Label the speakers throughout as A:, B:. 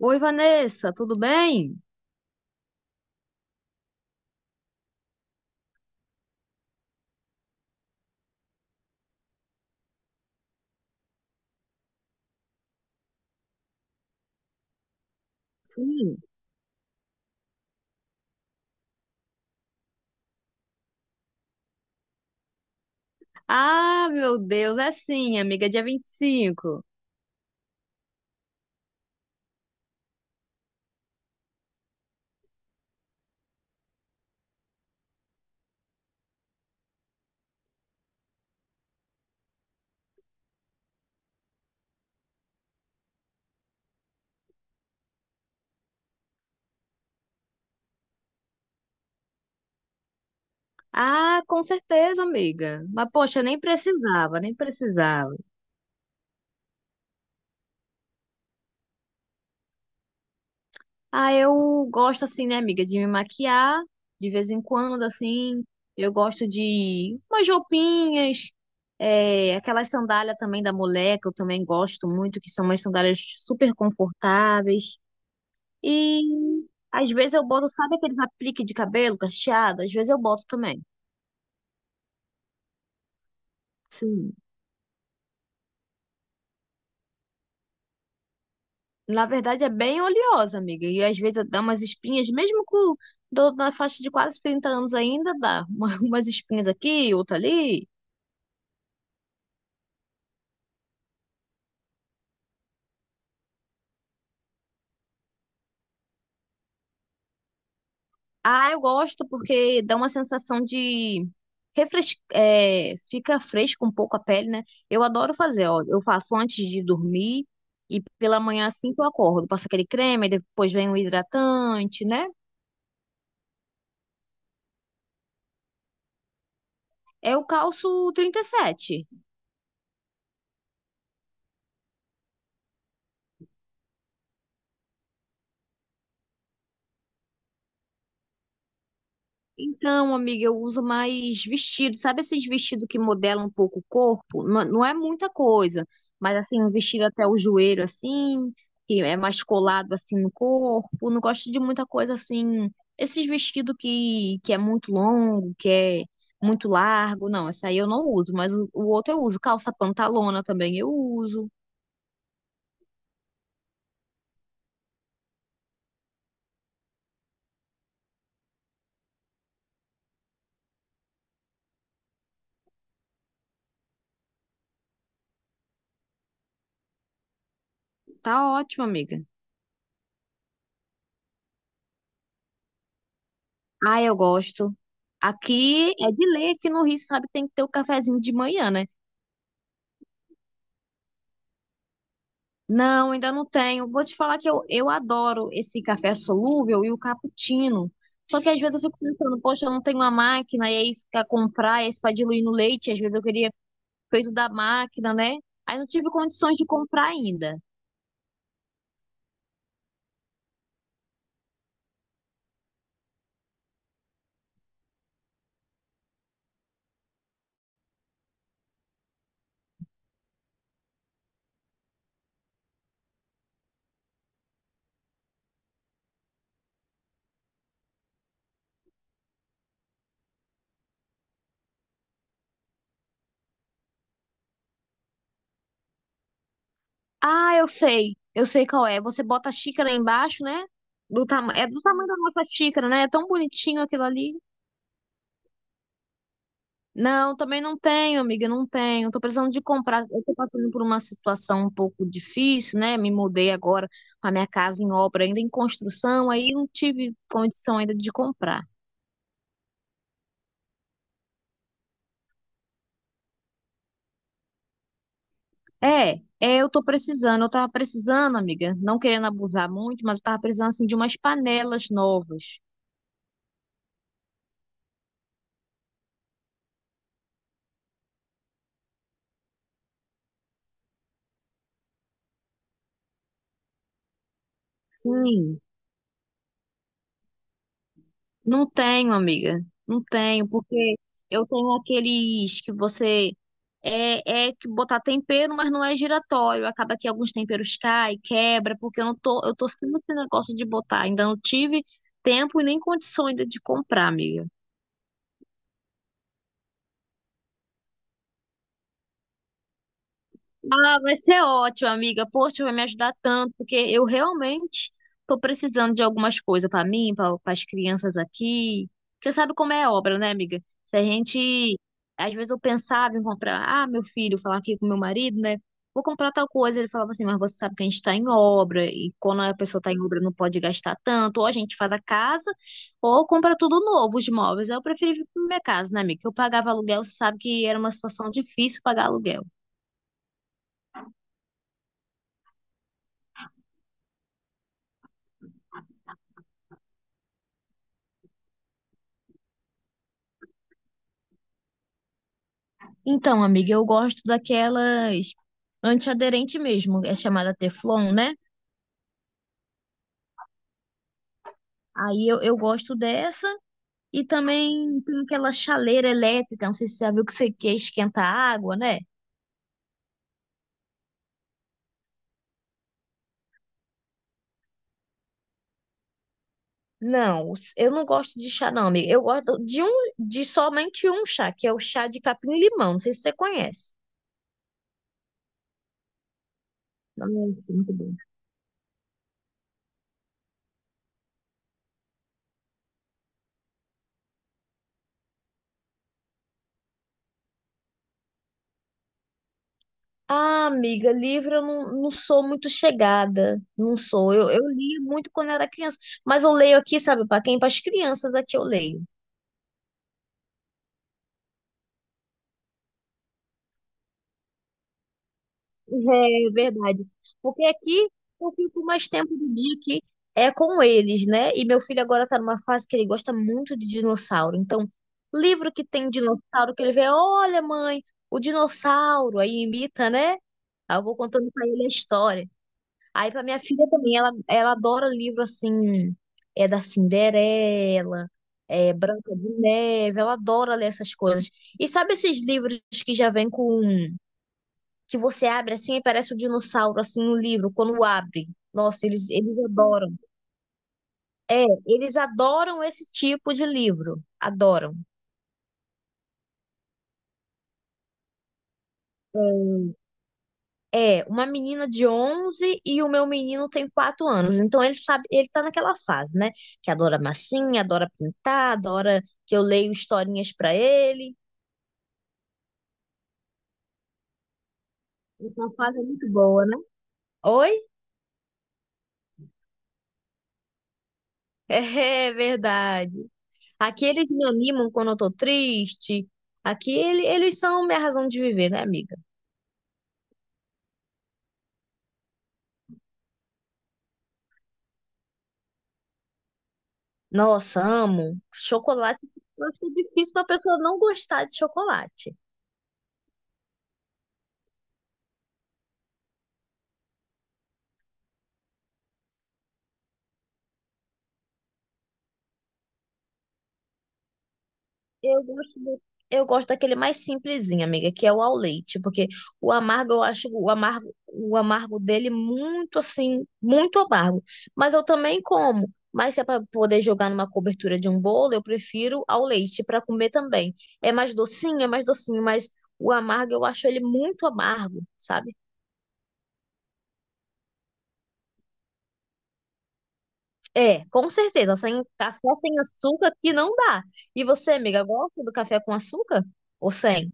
A: Oi, Vanessa, tudo bem? Sim. Ah, meu Deus, é sim, amiga, é dia 25. Ah, com certeza, amiga. Mas, poxa, nem precisava. Ah, eu gosto, assim, né, amiga, de me maquiar de vez em quando, assim. Eu gosto de umas roupinhas, aquelas sandálias também da mulher, que eu também gosto muito, que são umas sandálias super confortáveis. E às vezes eu boto, sabe aqueles aplique de cabelo cacheado? Às vezes eu boto também. Sim. Na verdade é bem oleosa, amiga. E às vezes dá umas espinhas, mesmo com do, na faixa de quase 30 anos ainda dá. Umas espinhas aqui, outra ali. Ah, eu gosto porque dá uma sensação de fica fresco um pouco a pele, né? Eu adoro fazer, ó. Eu faço antes de dormir e pela manhã assim que eu acordo. Passo aquele creme, aí depois vem o hidratante, né? É o calço 37. Então, amiga, eu uso mais vestido. Sabe esses vestidos que modelam um pouco o corpo? Não é muita coisa, mas assim, um vestido até o joelho, assim, que é mais colado assim no corpo. Não gosto de muita coisa assim. Esses vestidos que é muito longo, que é muito largo. Não, essa aí eu não uso, mas o outro eu uso. Calça pantalona também eu uso. Tá ótimo, amiga. Ah, eu gosto. Aqui é de lei, aqui no Rio, sabe, tem que ter o cafezinho de manhã, né? Não, ainda não tenho. Vou te falar que eu adoro esse café solúvel e o cappuccino. Só que às vezes eu fico pensando, poxa, eu não tenho uma máquina, e aí ficar comprar esse para diluir no leite, às vezes eu queria feito da máquina, né? Aí não tive condições de comprar ainda. Ah, eu sei qual é. Você bota a xícara embaixo, né? Do tama é do tamanho da nossa xícara, né? É tão bonitinho aquilo ali. Não, também não tenho, amiga, não tenho. Tô precisando de comprar. Eu tô passando por uma situação um pouco difícil, né? Me mudei agora com a minha casa em obra, ainda em construção, aí não tive condição ainda de comprar. É, eu tô precisando. Eu tava precisando, amiga, não querendo abusar muito, mas eu tava precisando assim de umas panelas novas. Sim, não tenho, amiga. Não tenho, porque eu tenho aqueles que você que botar tempero, mas não é giratório. Acaba que alguns temperos caem, quebra, porque eu tô sem esse negócio de botar. Ainda não tive tempo e nem condições de comprar, amiga. Ah, vai ser ótimo, amiga. Poxa, vai me ajudar tanto, porque eu realmente tô precisando de algumas coisas para mim, para as crianças aqui. Você sabe como é obra, né, amiga? Se a gente, às vezes eu pensava em comprar, ah, meu filho, falar aqui com meu marido, né? Vou comprar tal coisa. Ele falava assim, mas você sabe que a gente está em obra, e quando a pessoa está em obra não pode gastar tanto, ou a gente faz a casa, ou compra tudo novo, os móveis. Eu preferi vir pra minha casa, né, amiga? Eu pagava aluguel, você sabe que era uma situação difícil pagar aluguel. Então, amiga, eu gosto daquelas antiaderente mesmo, é chamada Teflon, né? Aí eu gosto dessa e também tem aquela chaleira elétrica, não sei se você já viu que você quer esquentar água, né? Não, eu não gosto de chá não, amiga. Eu gosto de um, de somente um chá, que é o chá de capim-limão, não sei se você conhece. Nossa, muito bom. Ah, amiga, livro eu não sou muito chegada, não sou. Eu li muito quando era criança, mas eu leio aqui, sabe, para quem? Para as crianças aqui eu leio. É verdade. Porque aqui eu fico mais tempo do dia que é com eles, né? E meu filho agora tá numa fase que ele gosta muito de dinossauro. Então, livro que tem dinossauro, que ele vê, olha, mãe, o dinossauro, aí imita, né? Aí eu vou contando pra ele a história. Aí pra minha filha também, ela adora livro assim, é da Cinderela, é Branca de Neve, ela adora ler essas coisas. E sabe esses livros que já vêm com que você abre assim e parece um dinossauro, assim, no livro, quando abre. Nossa, eles adoram. Eles adoram esse tipo de livro. Adoram. Uma menina de 11 e o meu menino tem 4 anos. Então ele sabe, ele tá naquela fase, né? Que adora massinha, adora pintar, adora que eu leio historinhas pra ele. Essa fase é muito boa, né? Oi? É verdade. Aqui eles me animam quando eu tô triste. Eles são minha razão de viver, né, amiga? Nossa, amo. Chocolate. Eu acho que é difícil uma pessoa não gostar de chocolate. Eu gosto do- Eu gosto daquele mais simplesinho, amiga, que é o ao leite, porque o amargo dele muito assim, muito amargo. Mas eu também como. Mas se é para poder jogar numa cobertura de um bolo, eu prefiro ao leite para comer também. É mais docinho, mas o amargo eu acho ele muito amargo, sabe? É, com certeza. Sem café sem açúcar que não dá. E você, amiga, gosta do café com açúcar? Ou sem?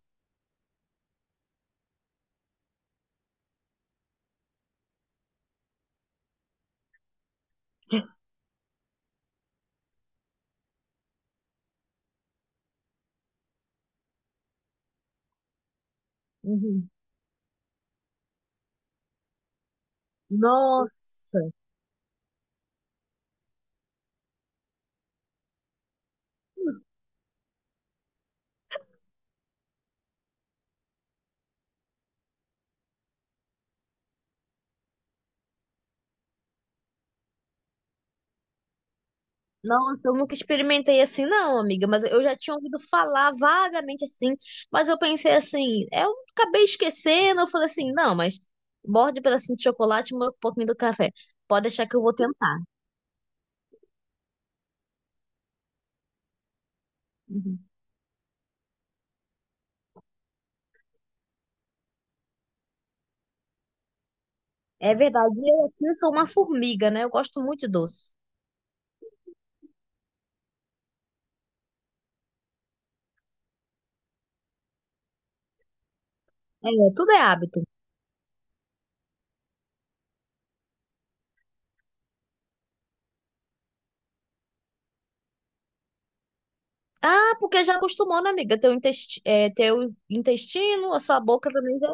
A: Uhum. Nossa, nossa, eu nunca experimentei assim, não, amiga. Mas eu já tinha ouvido falar vagamente assim. Mas eu pensei assim, eu acabei esquecendo. Eu falei assim, não, mas morde um pedacinho de chocolate e um pouquinho do café. Pode deixar que eu vou tentar. Uhum. É verdade. Eu aqui sou uma formiga, né? Eu gosto muito de doce. É, tudo é hábito. Ah, porque já acostumou, né, amiga? Teu intestino, a sua boca também já.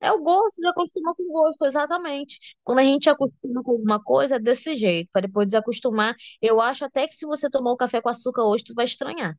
A: É o gosto, já acostumou com o gosto, exatamente. Quando a gente acostuma com alguma coisa, é desse jeito. Para depois desacostumar, eu acho até que se você tomar o café com açúcar hoje, tu vai estranhar.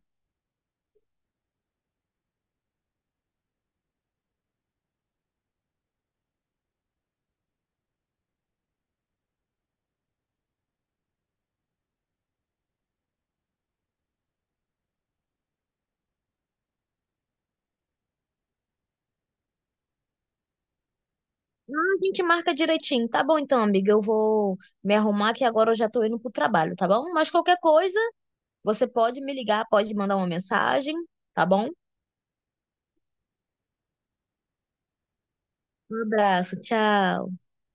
A: Ah, a gente marca direitinho. Tá bom então, amiga. Eu vou me arrumar que agora eu já tô indo pro trabalho, tá bom? Mas qualquer coisa, você pode me ligar, pode mandar uma mensagem, tá bom? Um abraço, tchau.